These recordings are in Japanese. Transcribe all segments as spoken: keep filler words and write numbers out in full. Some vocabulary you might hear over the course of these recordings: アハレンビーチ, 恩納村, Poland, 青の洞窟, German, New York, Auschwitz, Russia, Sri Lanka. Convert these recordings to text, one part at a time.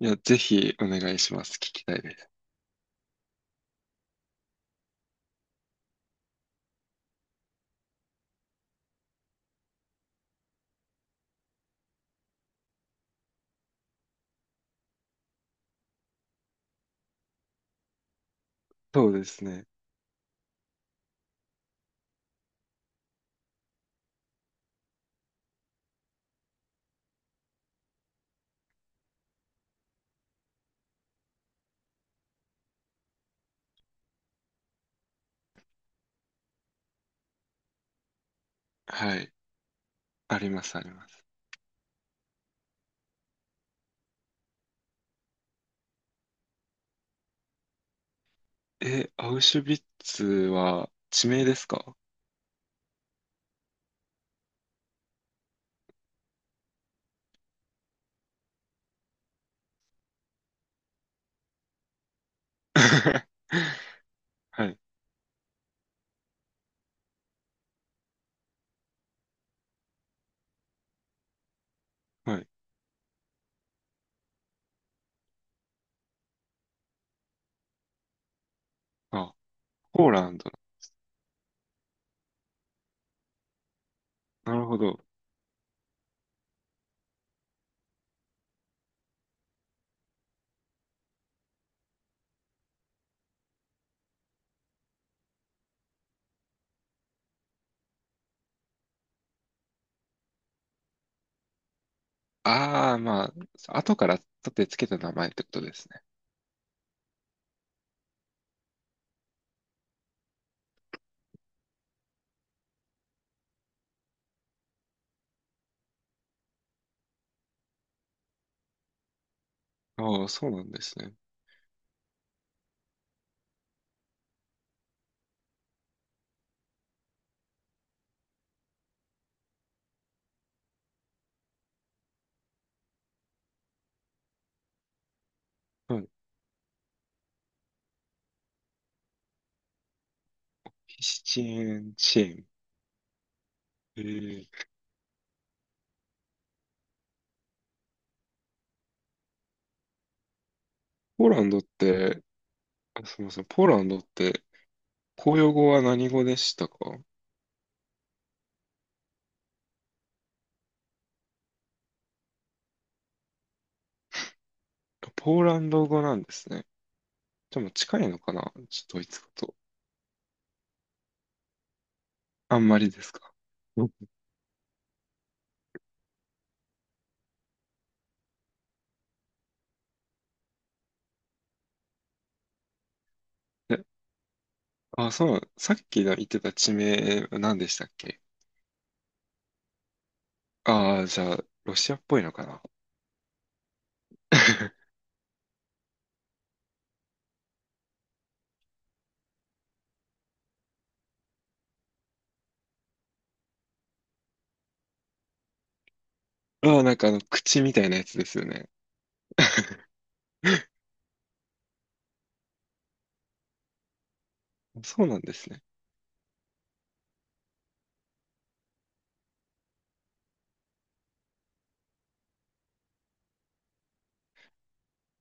いや、ぜひお願いします。聞きたいです。そうですね。はい。あります、あります。え、アウシュビッツは地名ですか？ はい、はい。あ、ポーランドの。なるほど。ああ、まあ、後から立てつけた名前ってことですね。ああ、そうなんですね。はい。ピシチエンチェン。えー、ポーランドって、あ、すみません、ポーランドって、公用語は何語でしたか？ポーランド語なんですね。でも近いのかな、ちょっとドイツ語と。あんまりですか？うん。え、あ、そう、さっきの言ってた地名、何でしたっけ？ああー、じゃあ、ロシアっぽいのかな？ ああ、なんかあの、口みたいなやつですよね。そうなんですね。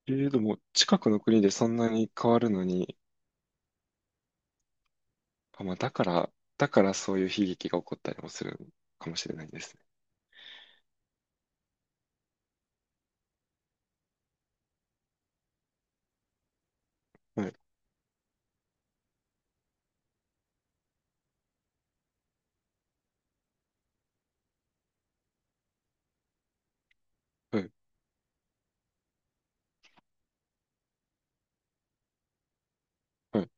えー、でも、近くの国でそんなに変わるのに、あ、まあ、だから、だからそういう悲劇が起こったりもするかもしれないですね。はい、はい、はい、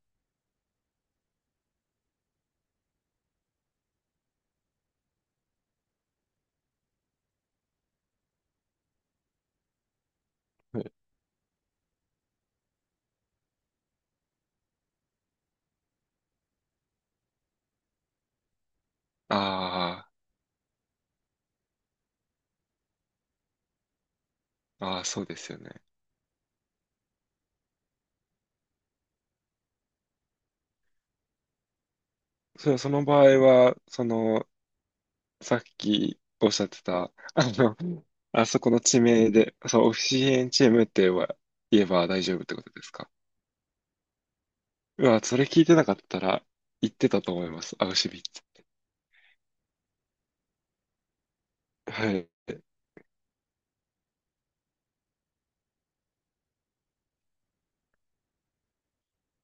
はい。ああ、ああ、そうですよね。それはその場合は、その、さっきおっしゃってた、あの、あそこの地名で、そう、オフィシエンチームって言えば、言えば大丈夫ってことですか？うわ、それ聞いてなかったら、言ってたと思います、アウシュビッツ。はい、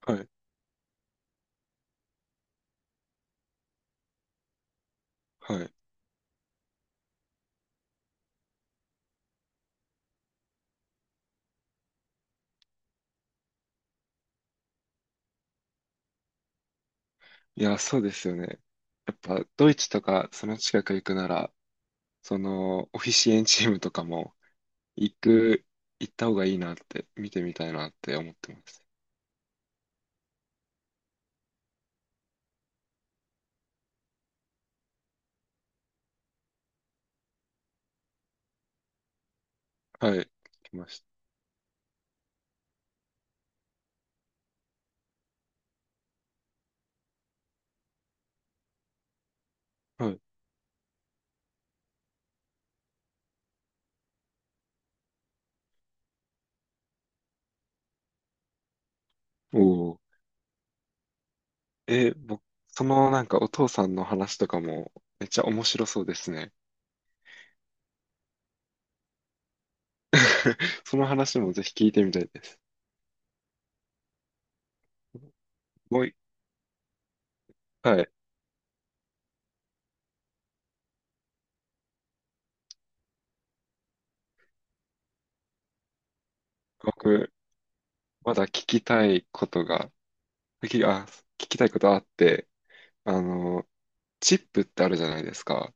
はい、はい。いや、そうですよね。やっぱ、ドイツとか、その近く行くなら、その、オフィシエンチームとかも、行く、行った方がいいなって、見てみたいなって思ってます。はい、来ました。はい。おー。え、僕、そのなんかお父さんの話とかもめっちゃ面白そうですね。その話もぜひ聞いてみたいです。もういは回、僕、まだ聞きたいことが、きあ、聞きたいことあって、あの、チップってあるじゃないですか。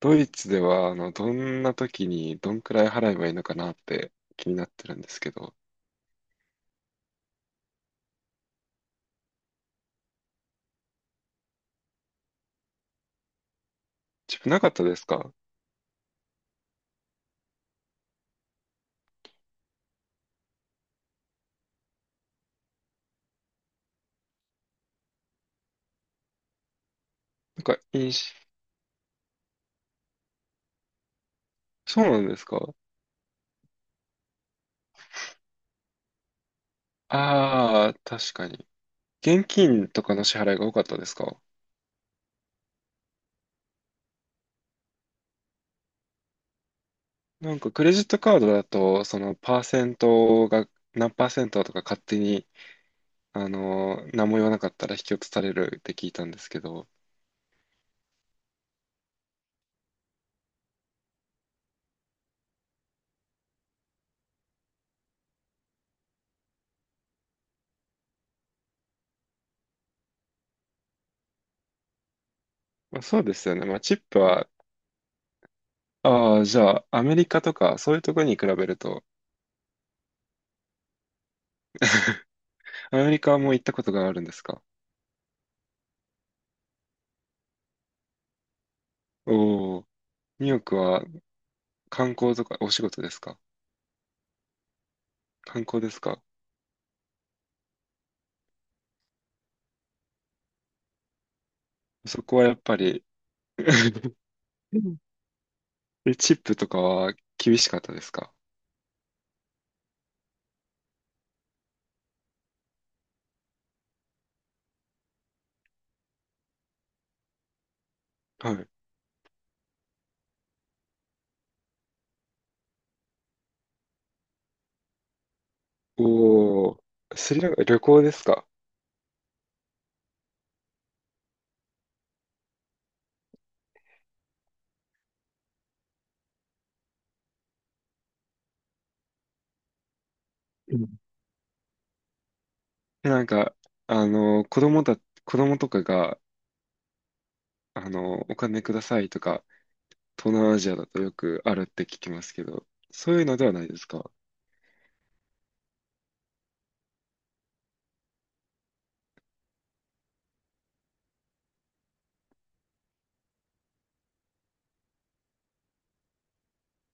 ドイツでは、あの、どんな時にどんくらい払えばいいのかなって気になってるんですけど、チップなかったですか？なんか、印象、そうなんですか？ああー、確かに。現金とかの支払いが多かったですか？なんかクレジットカードだと、そのパーセントが何パーセントとか勝手に、あの何も言わなかったら引き落とされるって聞いたんですけど、まあ、そうですよね。まあ、チップは、ああ、じゃあアメリカとかそういうところに比べると、アメリカはもう行ったことがあるんですか？おお、ニューヨークは観光とかお仕事ですか？観光ですか？そこはやっぱり えチップとかは厳しかったですか？はい。おお、スリランカ旅行ですか？で、なんか、あの、子供だ、子供とかが、あの、お金くださいとか、東南アジアだとよくあるって聞きますけど、そういうのではないですか？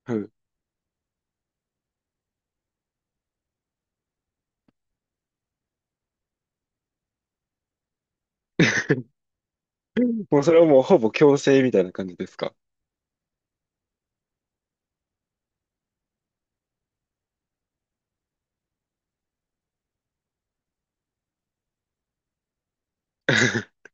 はい。もうそれはもうほぼ強制みたいな感じですか？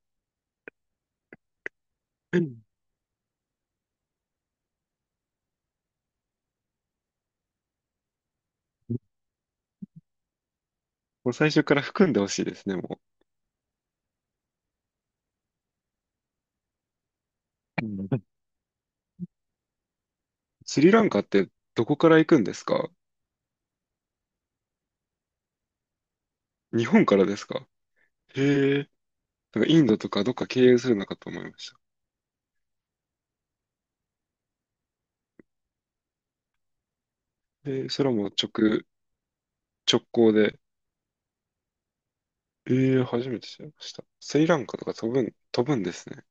もう最初から含んでほしいですね、もう。うん。 スリランカってどこから行くんですか？日本からですか？へえ。なんかインドとかどっか経由するのかと思いました。えー、それはもう直、直行で、ええ、初めて知りました。スリランカとか飛ぶん、飛ぶんですね。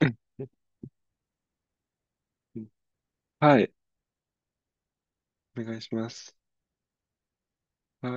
うんうん。はい。お願いします。はい。